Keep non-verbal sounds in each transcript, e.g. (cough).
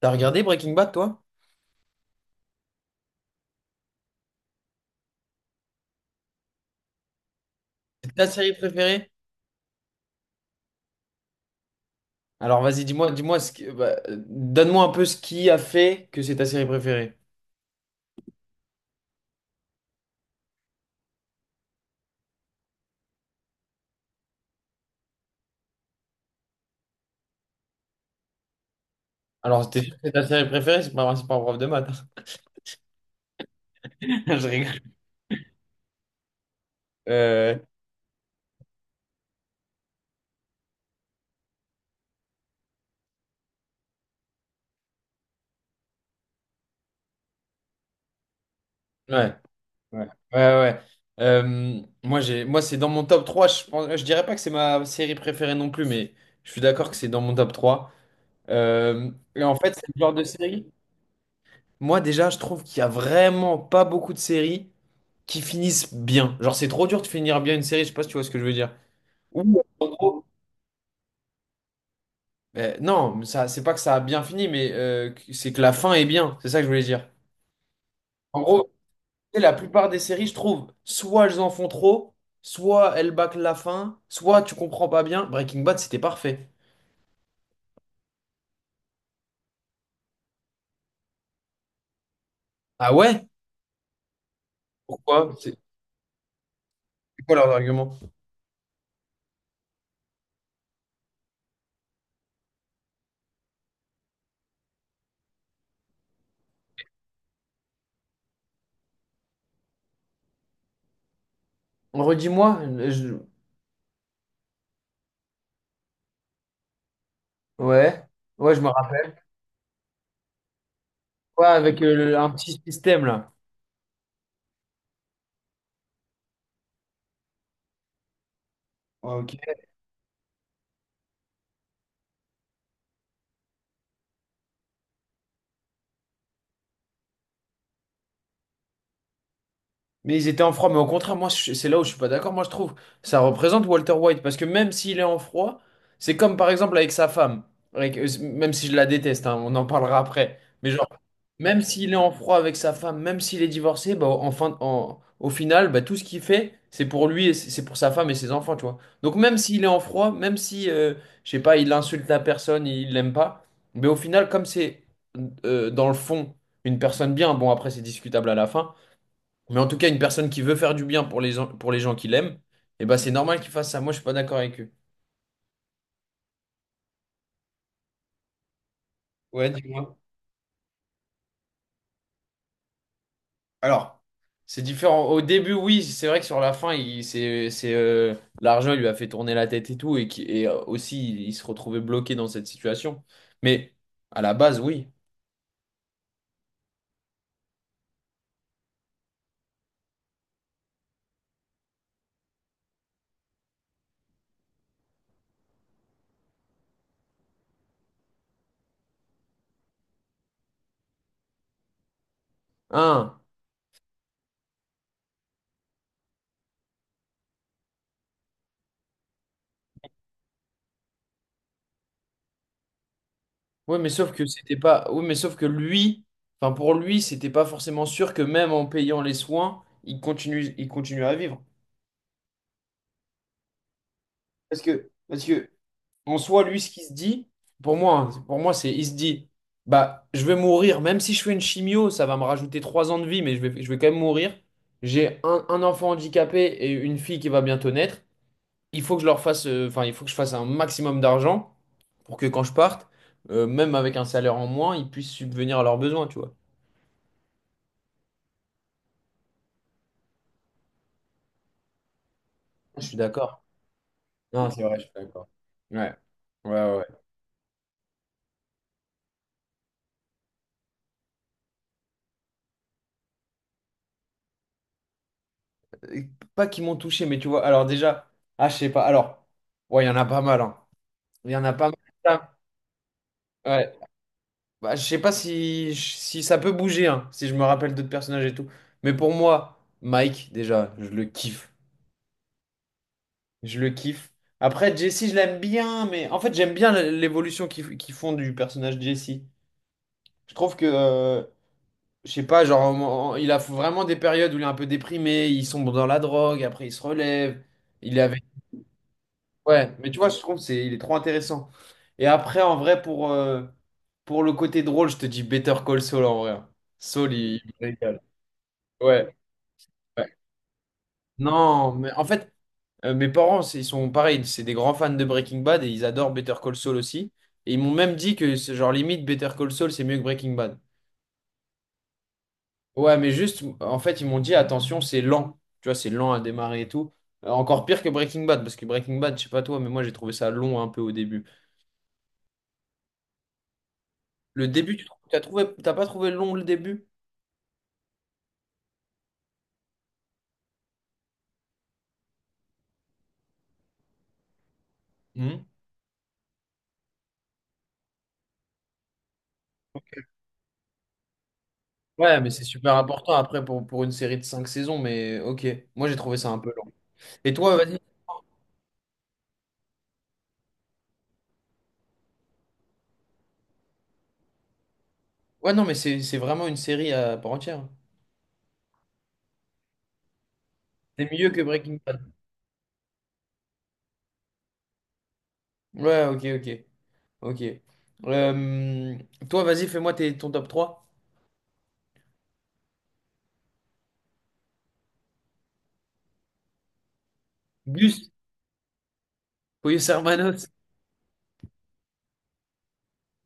T'as regardé Breaking Bad, toi? C'est ta série préférée? Alors vas-y, dis-moi, dis-moi bah, donne-moi un peu ce qui a fait que c'est ta série préférée. Alors, t'es sûr que c'est ta série préférée, c'est pas un prof de maths. (laughs) Je rigole. Euh, ouais, ouais, ouais, ouais. Moi, c'est dans mon top 3. Je pense, je dirais pas que c'est ma série préférée non plus, mais je suis d'accord que c'est dans mon top 3. Et en fait, c'est le genre de série. Moi, déjà, je trouve qu'il y a vraiment pas beaucoup de séries qui finissent bien. Genre, c'est trop dur de finir bien une série, je sais pas si tu vois ce que je veux dire. Ou, en gros, non, mais ça, c'est pas que ça a bien fini, mais c'est que la fin est bien. C'est ça que je voulais dire. En gros, tu sais, la plupart des séries, je trouve, soit elles en font trop, soit elles bâclent la fin, soit tu comprends pas bien. Breaking Bad, c'était parfait. Ah ouais? Pourquoi? C'est quoi leur argument? Redis-moi. Ouais. Ouais, je me rappelle. Ouais, avec un petit système là. Ok. Mais ils étaient en froid, mais au contraire, c'est là où je suis pas d'accord. Moi, je trouve ça représente Walter White parce que même s'il est en froid, c'est comme par exemple avec sa femme, même si je la déteste, hein, on en parlera après. Mais genre, même s'il est en froid avec sa femme, même s'il est divorcé, bah, au final, bah, tout ce qu'il fait, c'est pour lui et c'est pour sa femme et ses enfants, tu vois. Donc, même s'il est en froid, même si, je sais pas, il insulte la personne, il l'aime pas, mais au final, comme c'est dans le fond une personne bien, bon, après, c'est discutable à la fin. Mais en tout cas, une personne qui veut faire du bien pour pour les gens qui l'aiment, eh ben, c'est normal qu'il fasse ça. Moi, je suis pas d'accord avec eux. Ouais, dis-moi. Alors, c'est différent. Au début, oui, c'est vrai que sur la fin, l'argent il lui a fait tourner la tête et tout, et, qui, et aussi, il se retrouvait bloqué dans cette situation. Mais à la base, oui. Hein. Oui, mais sauf que c'était pas. Oui, mais sauf que lui, enfin pour lui, c'était pas forcément sûr que même en payant les soins, il continue à vivre. Parce que En soi, lui, ce qu'il se dit, pour moi, hein, pour moi, c'est, il se dit, bah, je vais mourir, même si je fais une chimio, ça va me rajouter 3 ans de vie, mais je vais quand même mourir. J'ai un enfant handicapé et une fille qui va bientôt naître. Il faut que je fasse un maximum d'argent pour que quand je parte, même avec un salaire en moins, ils puissent subvenir à leurs besoins, tu vois. Je suis d'accord. Non, c'est vrai, je suis d'accord. Ouais, ouais, ouais. Euh, Pas qu'ils m'ont touché, mais tu vois, alors déjà, ah, je sais pas, alors, ouais, il y en a pas mal, hein. Il y en a pas mal. Ouais. Bah, je sais pas si, ça peut bouger, hein, si je me rappelle d'autres personnages et tout. Mais pour moi, Mike, déjà, je le kiffe. Je le kiffe. Après, Jesse, je l'aime bien, mais en fait, j'aime bien l'évolution qu'ils font du personnage Jesse. Je trouve que, je sais pas, genre, il a vraiment des périodes où il est un peu déprimé, il sombre dans la drogue, après il se relève. Il est Ouais, mais tu vois, je trouve que c'est il est trop intéressant. Et après, en vrai, pour le côté drôle, je te dis Better Call Saul en vrai, hein. Saul, il me régale. Ouais, ouais. Non, mais en fait, mes parents, ils sont pareils, c'est des grands fans de Breaking Bad et ils adorent Better Call Saul aussi. Et ils m'ont même dit que, c'est genre, limite, Better Call Saul, c'est mieux que Breaking Bad. Ouais, mais juste, en fait, ils m'ont dit, attention, c'est lent. Tu vois, c'est lent à démarrer et tout. Encore pire que Breaking Bad, parce que Breaking Bad, je sais pas toi, mais moi, j'ai trouvé ça long un peu au début. Le début, t'as pas trouvé long le début? Hmm. Ouais, mais c'est super important après pour une série de cinq saisons, mais ok, moi j'ai trouvé ça un peu long. Et toi, vas-y. Ouais, non, mais c'est vraiment une série à part entière. C'est mieux que Breaking Bad. Ouais, ok, ok, ok. Euh, Toi, vas-y, ton top trois. Gus, Pollos Hermanos.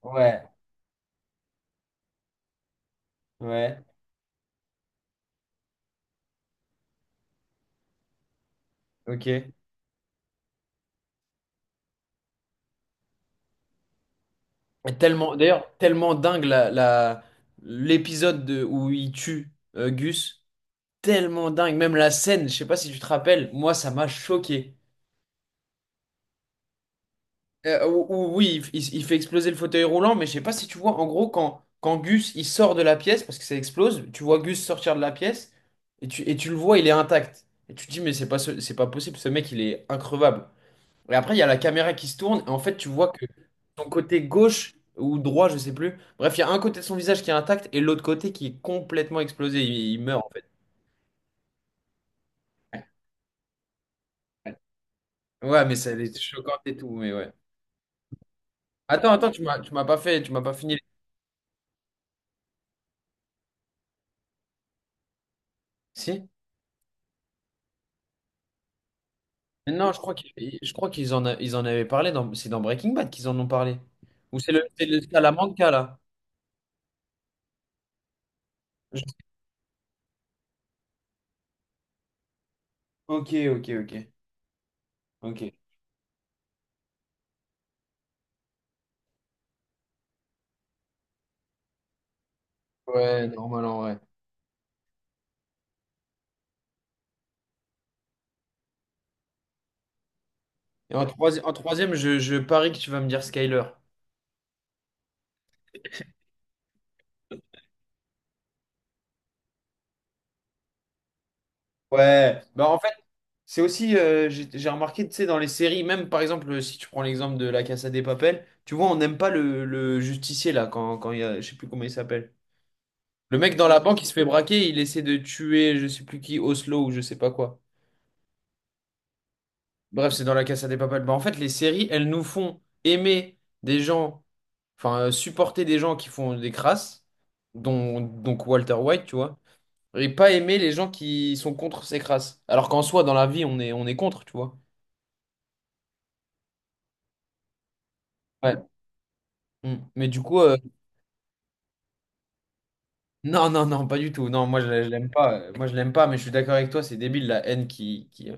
Ouais, ouais, ok. Et tellement, d'ailleurs, tellement dingue l'épisode où il tue Gus. Tellement dingue. Même la scène, je sais pas si tu te rappelles, moi, ça m'a choqué. Ou Oui, il fait exploser le fauteuil roulant, mais je sais pas si tu vois, en gros, quand, Gus, il sort de la pièce, parce que ça explose, tu vois Gus sortir de la pièce, et tu le vois, il est intact. Et tu te dis, mais c'est pas possible, ce mec, il est increvable. Et après, il y a la caméra qui se tourne, et en fait, tu vois que son côté gauche ou droit, je sais plus, bref, il y a un côté de son visage qui est intact, et l'autre côté qui est complètement explosé, il meurt, en fait. Ouais, mais ça, elle est choquante et tout, mais ouais. Attends, attends, tu m'as pas fini. Si? Mais non, je crois qu'ils en, a- ils en avaient parlé c'est dans Breaking Bad qu'ils en ont parlé. Ou c'est le, Salamanca là. Je- Ok, ok, ok. Ok. Ouais, normal en vrai. Et en troisième, je parie que tu vas me dire Skyler. Ouais. Bah en fait, c'est aussi, j'ai remarqué, tu sais, dans les séries, même par exemple, si tu prends l'exemple de La Casa des Papel, tu vois, on n'aime pas le justicier là, quand il y a, je sais plus comment il s'appelle. Le mec dans la banque, il se fait braquer, il essaie de tuer je sais plus qui, Oslo ou je sais pas quoi. Bref, c'est dans la Casa des Papel. Bah, en fait, les séries, elles nous font aimer des gens, enfin, supporter des gens qui font des crasses, dont, donc Walter White, tu vois, et pas aimer les gens qui sont contre ces crasses. Alors qu'en soi, dans la vie, on est contre, tu vois. Ouais. Mm. Mais du coup, non, non, non, pas du tout. Non, moi, je l'aime pas. Moi, je l'aime pas, mais je suis d'accord avec toi, c'est débile la haine qui, qui, euh,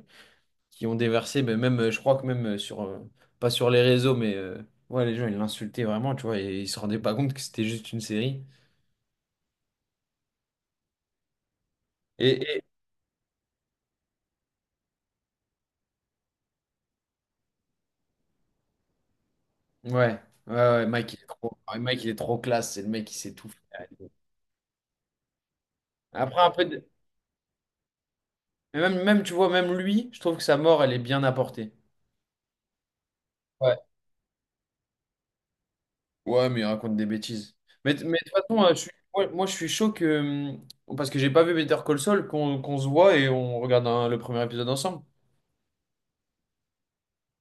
qui ont déversé, mais même, je crois que même pas sur les réseaux, mais ouais, les gens, ils l'insultaient vraiment, tu vois, et ils se rendaient pas compte que c'était juste une série. Et, et- ouais, ouais, ouais, Mike, il est trop, ouais, Mike, il est trop classe, c'est le mec qui sait tout faire. Après, mais même, même, tu vois, même lui, je trouve que sa mort, elle est bien apportée. Ouais. Ouais, mais il raconte des bêtises. Mais de toute façon, je suis chaud que... Parce que j'ai pas vu Better Call Saul, qu'on se voit et on regarde le premier épisode ensemble.